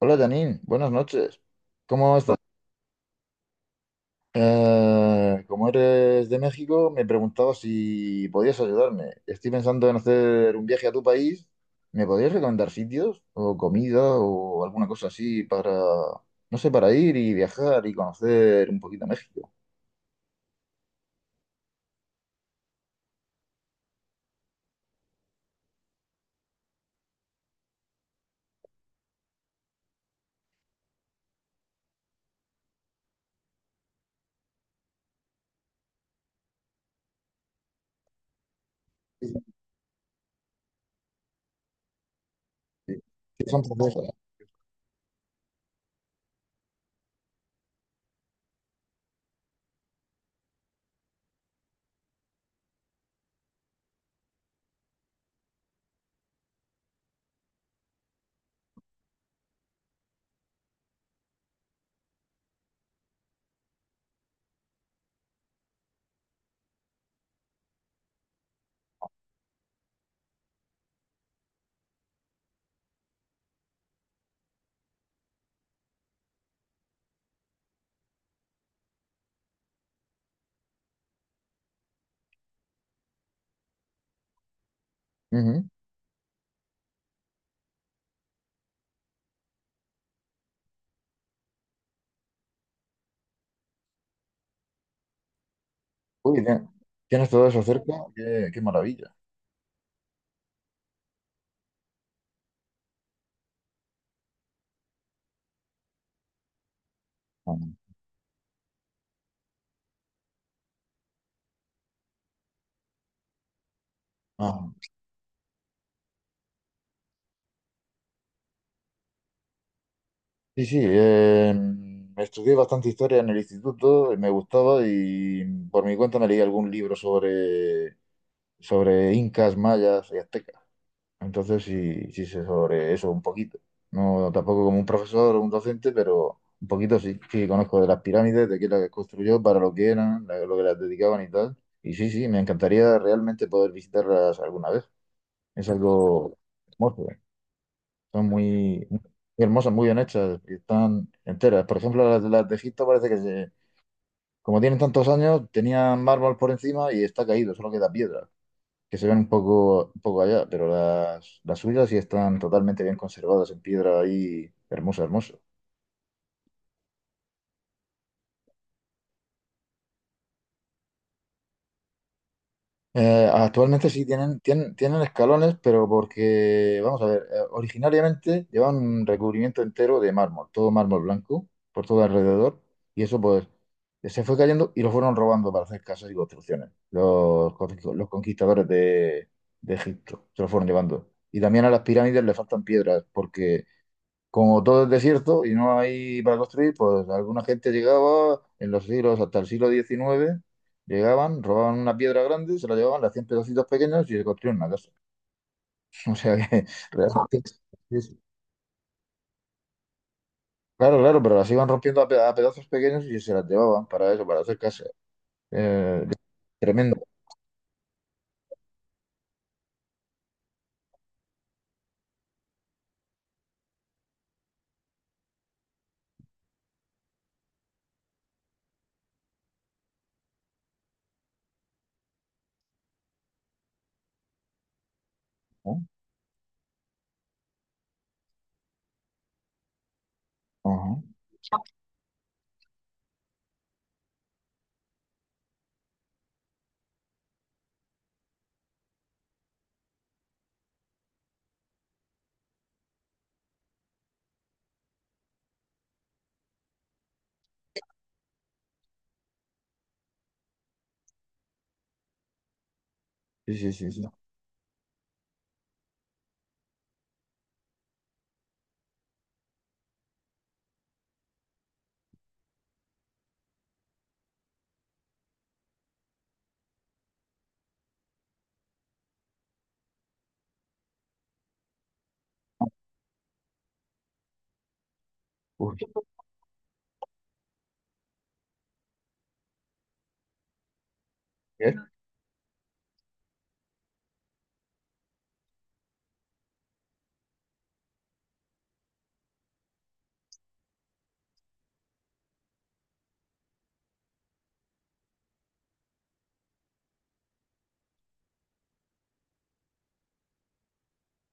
Hola Janine, buenas noches. ¿Cómo estás? Como eres de México, me preguntaba si podías ayudarme. Estoy pensando en hacer un viaje a tu país. ¿Me podrías recomendar sitios o comida o alguna cosa así para, no sé, para ir y viajar y conocer un poquito México? Sí, sí, sí. Sí, son francesas. Ujú. Uy, bien. Tienes todo eso cerca, qué maravilla. Ah, ah. Sí, sí, estudié bastante historia en el instituto, y me gustaba y por mi cuenta me leí algún libro sobre, sobre incas, mayas y aztecas. Entonces sí, sí sé sobre eso un poquito. No tampoco como un profesor o un docente, pero un poquito sí. Sí, conozco de las pirámides, de qué las construyó, para lo que eran, lo que las dedicaban y tal. Y sí, sí, me encantaría realmente poder visitarlas alguna vez. Es algo hermoso. Son muy, muy hermosas, muy bien hechas y están enteras. Por ejemplo, las de Egipto parece que, como tienen tantos años, tenían mármol por encima y está caído, solo queda piedra, que se ven un poco allá, pero las suyas sí están totalmente bien conservadas en piedra ahí, hermosa, hermosa. Actualmente sí tienen, tienen escalones, pero porque, vamos a ver, originariamente llevaban un recubrimiento entero de mármol, todo mármol blanco, por todo alrededor, y eso pues se fue cayendo y lo fueron robando para hacer casas y construcciones. Los conquistadores de Egipto se lo fueron llevando. Y también a las pirámides le faltan piedras porque como todo es desierto y no hay para construir, pues alguna gente llegaba en los siglos, hasta el siglo XIX, llegaban, robaban una piedra grande, se la llevaban, le hacían pedacitos pequeños y se construían una casa. O sea que realmente... es- Claro, claro, pero las iban rompiendo a, a pedazos pequeños y se las llevaban para eso, para hacer casa. Eh, tremendo, ¿no? Ajá. Sí, sí, sí, sí. Uy, ¿qué?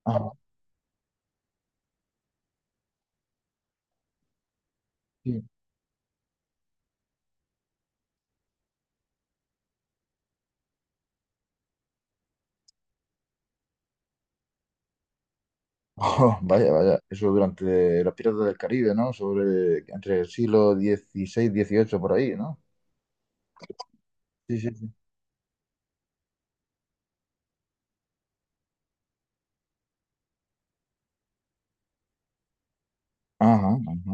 Ajá, sí. Vaya, vaya. Eso durante los piratas del Caribe, ¿no? Sobre entre el siglo XVI, XVIII, por ahí, ¿no? Sí, sí, sí. Ajá, ajá.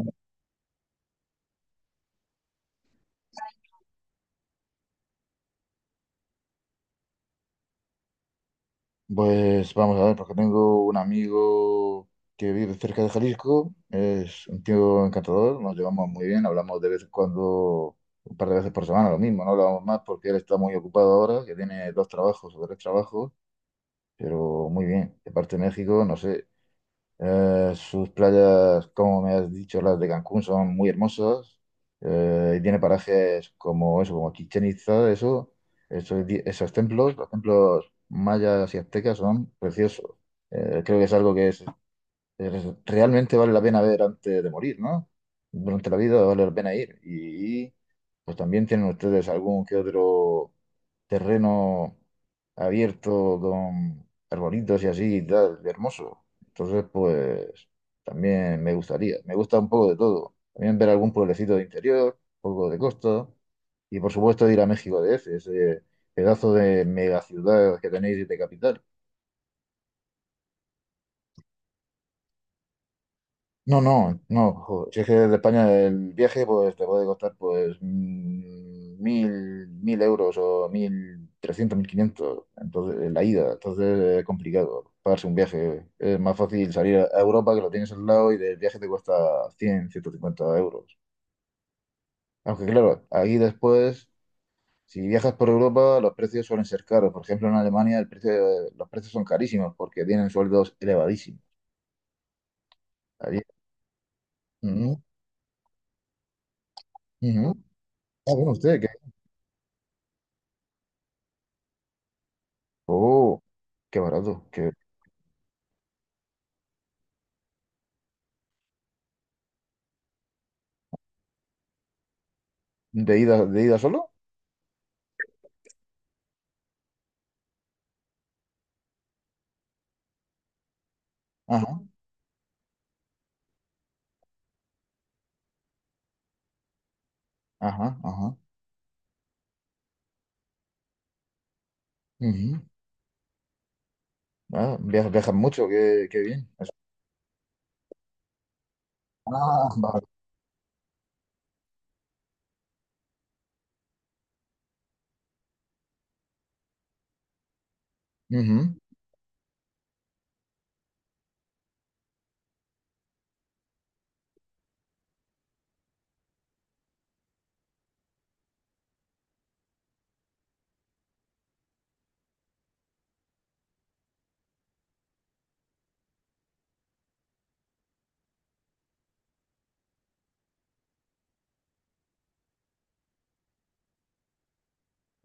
Pues vamos a ver, porque tengo un amigo que vive cerca de Jalisco, es un tío encantador, nos llevamos muy bien, hablamos de vez en cuando, un par de veces por semana, lo mismo, no hablamos más porque él está muy ocupado ahora, que tiene 2 trabajos o 3 trabajos, pero muy bien. De parte de México, no sé, sus playas, como me has dicho, las de Cancún son muy hermosas. Y tiene parajes como eso, como Chichén Itzá, eso, esos templos, los templos mayas y aztecas son preciosos. Creo que es algo que realmente vale la pena ver antes de morir, ¿no? Durante la vida vale la pena ir. Pues también tienen ustedes algún que otro terreno abierto con arbolitos y así y tal, hermoso. Entonces, pues también me gustaría, me gusta un poco de todo. También ver algún pueblecito de interior, un poco de costa y por supuesto ir a México DF, ese pedazo de megaciudad que tenéis de capital. No, no, no, joder, si es que de España el viaje pues te puede costar pues mil euros o 1.300, 1.500, entonces la ida, entonces es complicado pagarse un viaje, es más fácil salir a Europa que lo tienes al lado y del viaje te cuesta 100 150 euros. Aunque claro, ahí después, si viajas por Europa los precios suelen ser caros, por ejemplo en Alemania el precio, los precios son carísimos porque tienen sueldos elevadísimos. Allí- Ujú, ujú. Ah, bueno, usted, Oh, qué barato. De ida solo? Ajá, ajá, ajá. Ujú. Ah, viajas mucho, qué bien. Eso. Ah, vale. Ujú.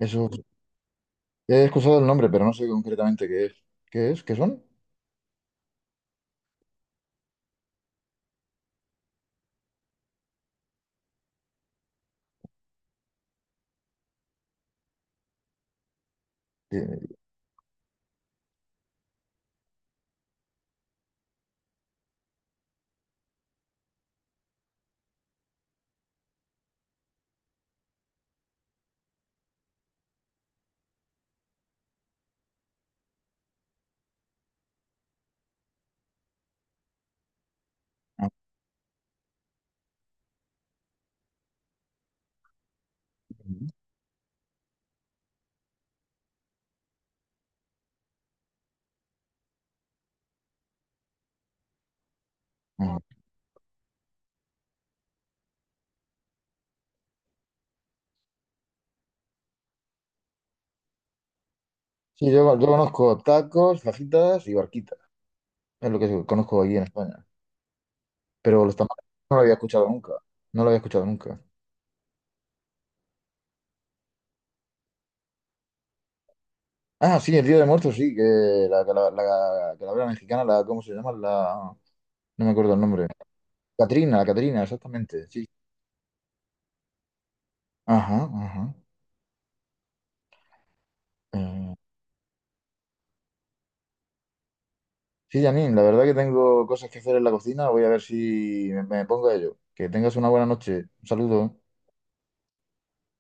Eso. He escuchado el nombre, pero no sé concretamente qué es. ¿Qué es? ¿Qué son? ¿Qué- ah, ujú, ujú. Sí, yo conozco tacos, fajitas y barquitas. Es lo que conozco aquí en España. Pero los tamales no lo había escuchado nunca. No lo había escuchado nunca. Ah, sí, el Día de Muertos, sí, que la calavera mexicana, la, ¿cómo se llama? No me acuerdo el nombre. Catrina, la Catrina, exactamente, sí. Ajá, ajá. Eh, sí, Janine, la verdad que tengo cosas que hacer en la cocina. Voy a ver si me pongo a ello. Que tengas una buena noche. Un saludo.